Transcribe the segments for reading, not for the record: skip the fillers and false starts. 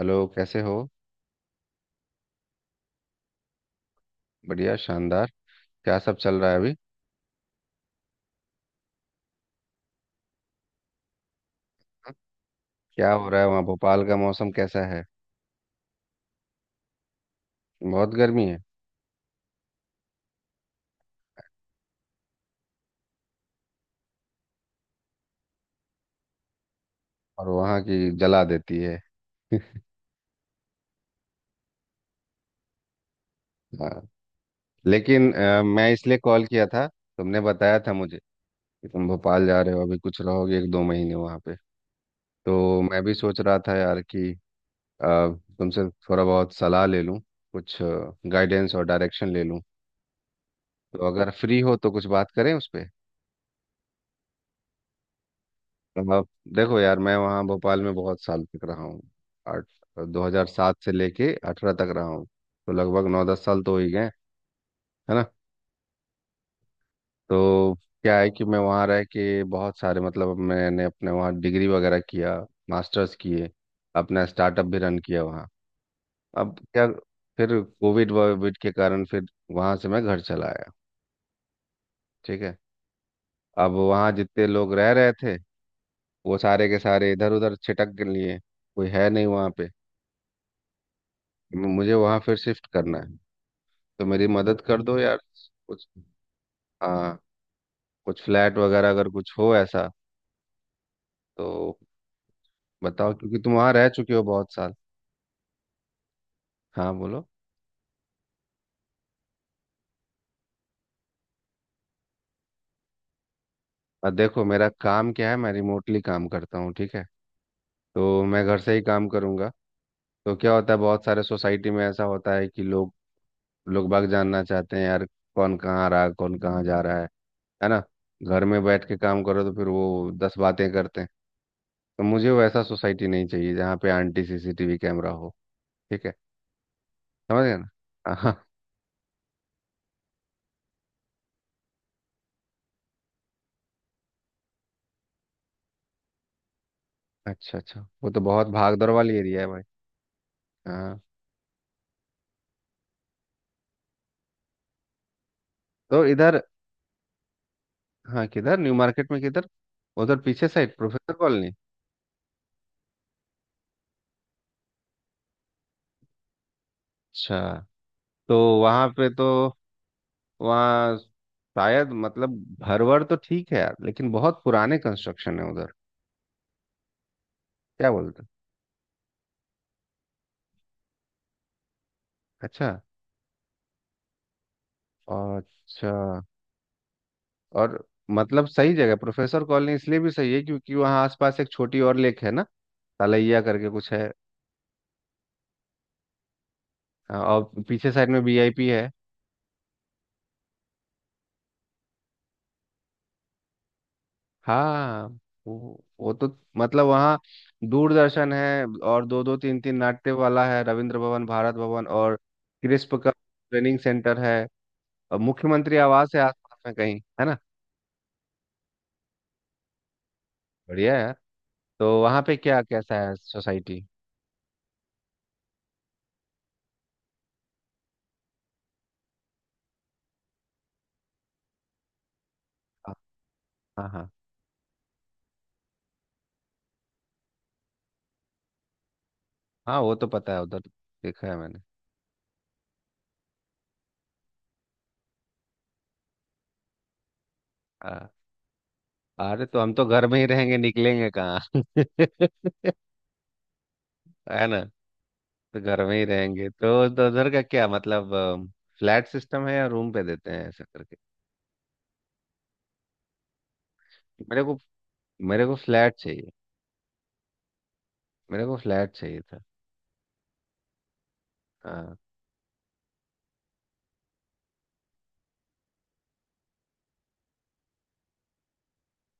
Hello, कैसे हो? बढ़िया, शानदार। क्या सब चल रहा है अभी? क्या हो रहा है? वहाँ भोपाल का मौसम कैसा है? बहुत गर्मी है। और वहाँ की जला देती है। हाँ। लेकिन मैं इसलिए कॉल किया था, तुमने बताया था मुझे कि तुम भोपाल जा रहे हो अभी, कुछ रहोगे 1-2 महीने वहाँ पे, तो मैं भी सोच रहा था यार कि अ, तुमसे थोड़ा बहुत सलाह ले लूँ, कुछ गाइडेंस और डायरेक्शन ले लूँ। तो अगर फ्री हो तो कुछ बात करें उस पे। आप देखो यार, मैं वहाँ भोपाल में बहुत साल तक रहा हूँ। आठ 2007 से लेके 18 तक रहा हूँ। तो लगभग 9-10 साल तो हो ही गए। है ना? तो क्या है कि मैं वहाँ रह के बहुत सारे, मतलब मैंने अपने वहाँ डिग्री वगैरह किया, मास्टर्स किए, अपना स्टार्टअप भी रन किया वहाँ। अब क्या, फिर कोविड वोविड के कारण फिर वहाँ से मैं घर चला आया। ठीक है। अब वहाँ जितने लोग रह रहे थे वो सारे के सारे इधर उधर छिटक लिए। कोई है नहीं वहाँ पे। मुझे वहां फिर शिफ्ट करना है, तो मेरी मदद कर दो यार। कुछ, हाँ, कुछ फ्लैट वगैरह अगर कुछ हो ऐसा। तो बताओ क्योंकि तुम वहां रह चुके हो बहुत साल। हाँ बोलो। देखो, मेरा काम क्या है, मैं रिमोटली काम करता हूँ। ठीक है। तो मैं घर से ही काम करूंगा। तो क्या होता है, बहुत सारे सोसाइटी में ऐसा होता है कि लोग, लोग बाग जानना चाहते हैं यार, कौन कहाँ आ रहा है, कौन कहाँ जा रहा है। है ना? घर में बैठ के काम करो तो फिर वो दस बातें करते हैं। तो मुझे वैसा सोसाइटी नहीं चाहिए जहाँ पे आंटी सीसीटीवी कैमरा हो। ठीक है। समझ गए ना? हाँ। अच्छा अच्छा, वो तो बहुत भागदौड़ वाली एरिया है भाई। हाँ। तो इधर। हाँ, किधर न्यू मार्केट में किधर? उधर पीछे साइड प्रोफेसर कॉलोनी। अच्छा। तो वहाँ पे तो, वहाँ शायद मतलब घर वर तो ठीक है यार, लेकिन बहुत पुराने कंस्ट्रक्शन है उधर। क्या बोलते हैं? अच्छा अच्छा। और मतलब सही जगह प्रोफेसर कॉलोनी इसलिए भी सही है क्योंकि वहाँ आसपास एक छोटी और लेक है ना। तलैया करके कुछ है। हाँ, और पीछे साइड में वीआईपी है। हाँ, वो तो, मतलब वहाँ दूरदर्शन है और दो दो तीन तीन नाट्य वाला है, रविंद्र भवन, भारत भवन और क्रिस्प का ट्रेनिंग सेंटर है, और मुख्यमंत्री आवास है आसपास में कहीं। है ना? बढ़िया है। तो वहाँ पे क्या कैसा है सोसाइटी? हाँ हाँ हाँ हाँ, वो तो पता है उधर, देखा है मैंने। हाँ, अरे तो हम तो घर में ही रहेंगे, निकलेंगे कहाँ? है ना? तो घर में ही रहेंगे तो उधर का क्या मतलब? फ्लैट सिस्टम है या रूम पे देते हैं ऐसा करके? मेरे को मेरे को फ्लैट चाहिए। मेरे को फ्लैट चाहिए था। हाँ।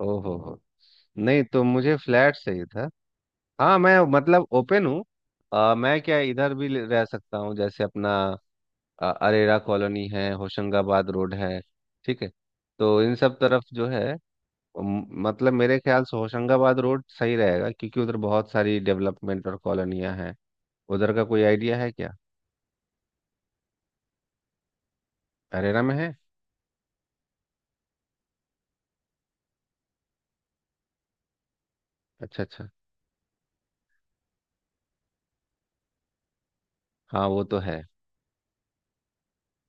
ओ हो हो। नहीं, तो मुझे फ्लैट चाहिए था। हाँ मैं मतलब ओपन हूँ। मैं क्या इधर भी रह सकता हूँ, जैसे अपना अरेरा कॉलोनी है, होशंगाबाद रोड है। ठीक है। तो इन सब तरफ जो है, मतलब मेरे ख्याल से होशंगाबाद रोड सही रहेगा क्योंकि उधर बहुत सारी डेवलपमेंट और कॉलोनियाँ हैं। उधर का कोई आइडिया है क्या? अरेरा में है। अच्छा अच्छा। हाँ वो तो है।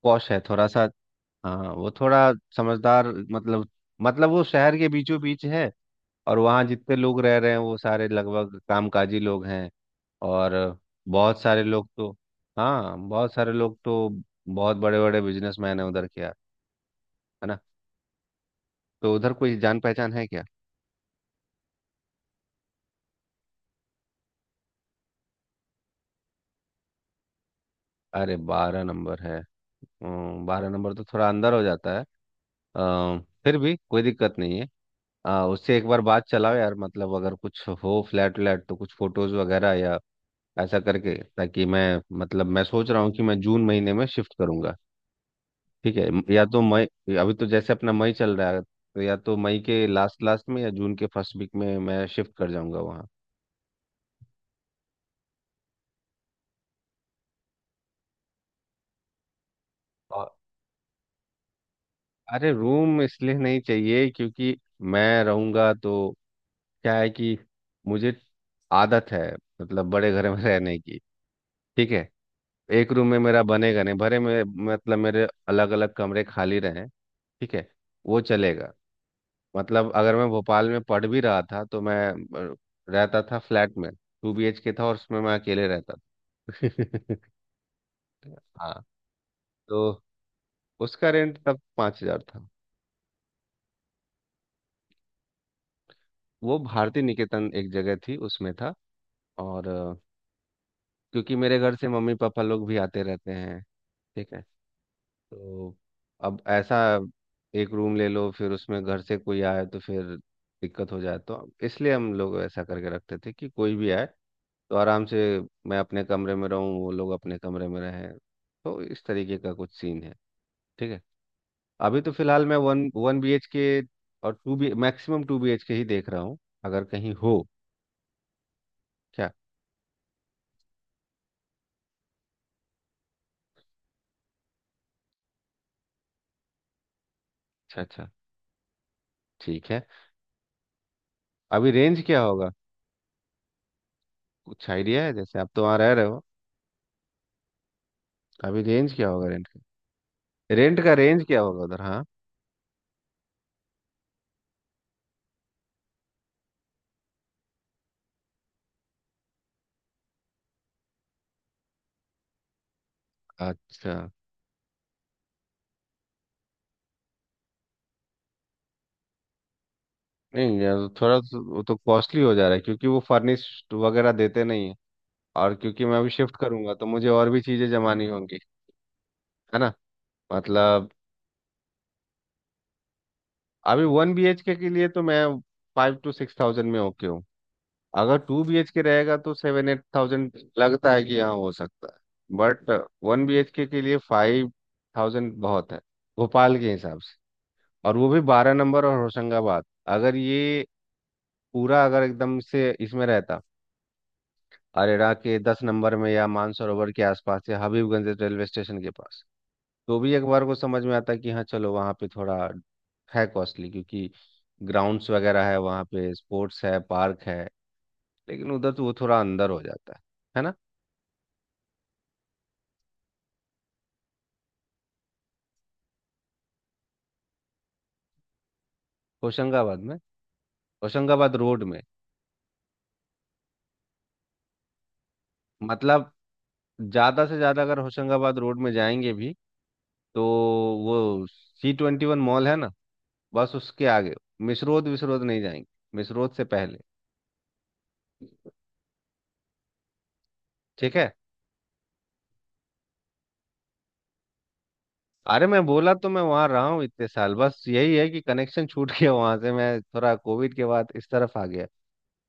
पॉश है थोड़ा सा। हाँ वो थोड़ा समझदार, मतलब, मतलब वो शहर के बीचों बीच है, और वहाँ जितने लोग रह रहे हैं वो सारे लगभग कामकाजी लोग हैं, और बहुत सारे लोग तो, हाँ बहुत सारे लोग तो बहुत बड़े बड़े बिजनेसमैन हैं उधर के यार। है ना? तो उधर कोई जान पहचान है क्या? अरे 12 नंबर है? 12 नंबर तो थोड़ा अंदर हो जाता है। अ, फिर भी कोई दिक्कत नहीं है। उससे एक बार बात चलाओ यार, मतलब अगर कुछ हो फ्लैट व्लैट तो कुछ फोटोज वगैरह या ऐसा करके, ताकि मैं, मतलब मैं सोच रहा हूँ कि मैं जून महीने में शिफ्ट करूंगा। ठीक है, या तो मई। अभी तो जैसे अपना मई चल रहा है, तो या तो मई के लास्ट लास्ट में या जून के फर्स्ट वीक में मैं शिफ्ट कर जाऊंगा वहाँ। और अरे, रूम इसलिए नहीं चाहिए क्योंकि मैं रहूंगा तो क्या है कि मुझे आदत है, मतलब बड़े घर में रहने की। ठीक है। एक रूम में मेरा बनेगा नहीं भरे में, मतलब मेरे अलग अलग कमरे खाली रहें। ठीक है, वो चलेगा। मतलब अगर मैं भोपाल में पढ़ भी रहा था तो मैं अ, रहता था फ्लैट में। 2BHK था और उसमें मैं अकेले रहता था। हाँ। तो उसका रेंट तब 5 हजार था। वो भारती निकेतन एक जगह थी, उसमें था। और क्योंकि मेरे घर से मम्मी पापा लोग भी आते रहते हैं। ठीक है। तो अब ऐसा, एक रूम ले लो फिर उसमें घर से कोई आए तो फिर दिक्कत हो जाए, तो इसलिए हम लोग ऐसा करके रखते थे कि कोई भी आए तो आराम से मैं अपने कमरे में रहूँ, वो लोग अपने कमरे में रहें, तो इस तरीके का कुछ सीन है। ठीक है। अभी तो फिलहाल मैं one one B H K और two B maximum two B H K ही देख रहा हूँ, अगर कहीं हो। क्या? अच्छा अच्छा, ठीक है। अभी रेंज क्या होगा, कुछ आइडिया है? जैसे आप तो वहाँ रह रहे हो, अभी रेंज क्या होगा रेंट का? रेंट का रेंज क्या होगा उधर, हाँ? अच्छा, नहीं यार वो थोड़ा तो, वो तो कॉस्टली हो जा रहा है क्योंकि वो फर्निश्ड वगैरह देते नहीं है। और क्योंकि मैं अभी शिफ्ट करूंगा तो मुझे और भी चीजें जमानी होंगी। है ना? मतलब, अभी 1BHK के लिए तो मैं 5-6 हजार में ओके हूँ। अगर 2BHK रहेगा तो 7-8 हजार लगता है कि हाँ हो सकता है। बट 1BHK के लिए 5 हजार बहुत है भोपाल के हिसाब से, और वो भी 12 नंबर और होशंगाबाद। अगर ये पूरा अगर एकदम से इसमें रहता अरेरा के 10 नंबर में, या मानसरोवर के आसपास, या हबीबगंज रेलवे स्टेशन के पास, तो भी अखबार को समझ में आता है कि हाँ चलो वहाँ पे थोड़ा है कॉस्टली, क्योंकि ग्राउंड्स वगैरह है वहाँ पे, स्पोर्ट्स है, पार्क है। लेकिन उधर तो वो थोड़ा अंदर हो जाता है। है ना? होशंगाबाद में, होशंगाबाद रोड में। मतलब ज़्यादा से ज़्यादा अगर होशंगाबाद रोड में जाएंगे भी तो वो C21 मॉल है ना, बस उसके आगे मिसरोद विसरोद नहीं जाएंगे, मिसरोद से पहले। ठीक है। अरे मैं बोला तो, मैं वहां रहा हूँ इतने साल, बस यही है कि कनेक्शन छूट गया वहां से, मैं थोड़ा कोविड के बाद इस तरफ आ गया,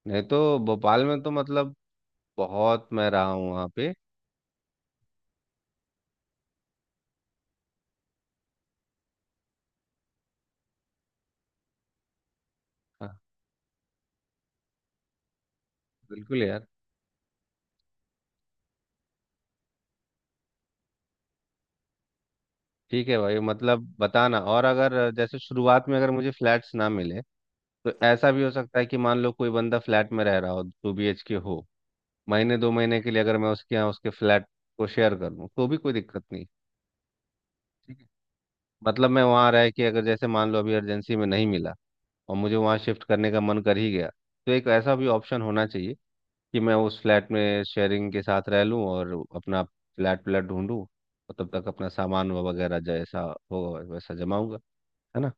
नहीं तो भोपाल में तो मतलब बहुत मैं रहा हूँ वहाँ पे। हाँ। बिल्कुल यार। ठीक है भाई, मतलब बताना, और अगर जैसे शुरुआत में अगर मुझे फ्लैट्स ना मिले, तो ऐसा भी हो सकता है कि मान लो कोई बंदा फ्लैट में रह रहा हो, 2BHK हो, महीने दो महीने के लिए अगर मैं उसके यहाँ उसके फ्लैट को शेयर कर लूँ तो भी कोई दिक्कत नहीं। ठीक है, मतलब मैं वहाँ रह के अगर जैसे मान लो अभी अर्जेंसी में नहीं मिला और मुझे वहाँ शिफ्ट करने का मन कर ही गया, तो एक ऐसा भी ऑप्शन होना चाहिए कि मैं उस फ्लैट में शेयरिंग के साथ रह लूँ और अपना फ्लैट व्लैट ढूंढूँ, और तब तक अपना सामान वगैरह जैसा हो वैसा जमाऊंगा। है ना?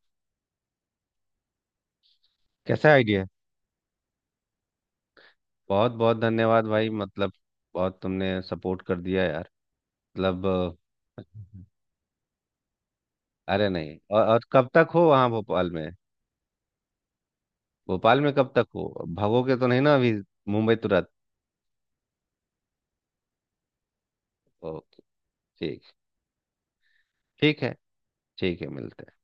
कैसा आइडिया है? बहुत बहुत धन्यवाद भाई, मतलब बहुत तुमने सपोर्ट कर दिया यार, मतलब। अ, अरे नहीं, और कब तक हो वहाँ भोपाल में? भोपाल में कब तक हो? भागोगे तो नहीं ना अभी? मुंबई तुरंत? ओके। ठीक। ठीक है। ठीक है, मिलते हैं।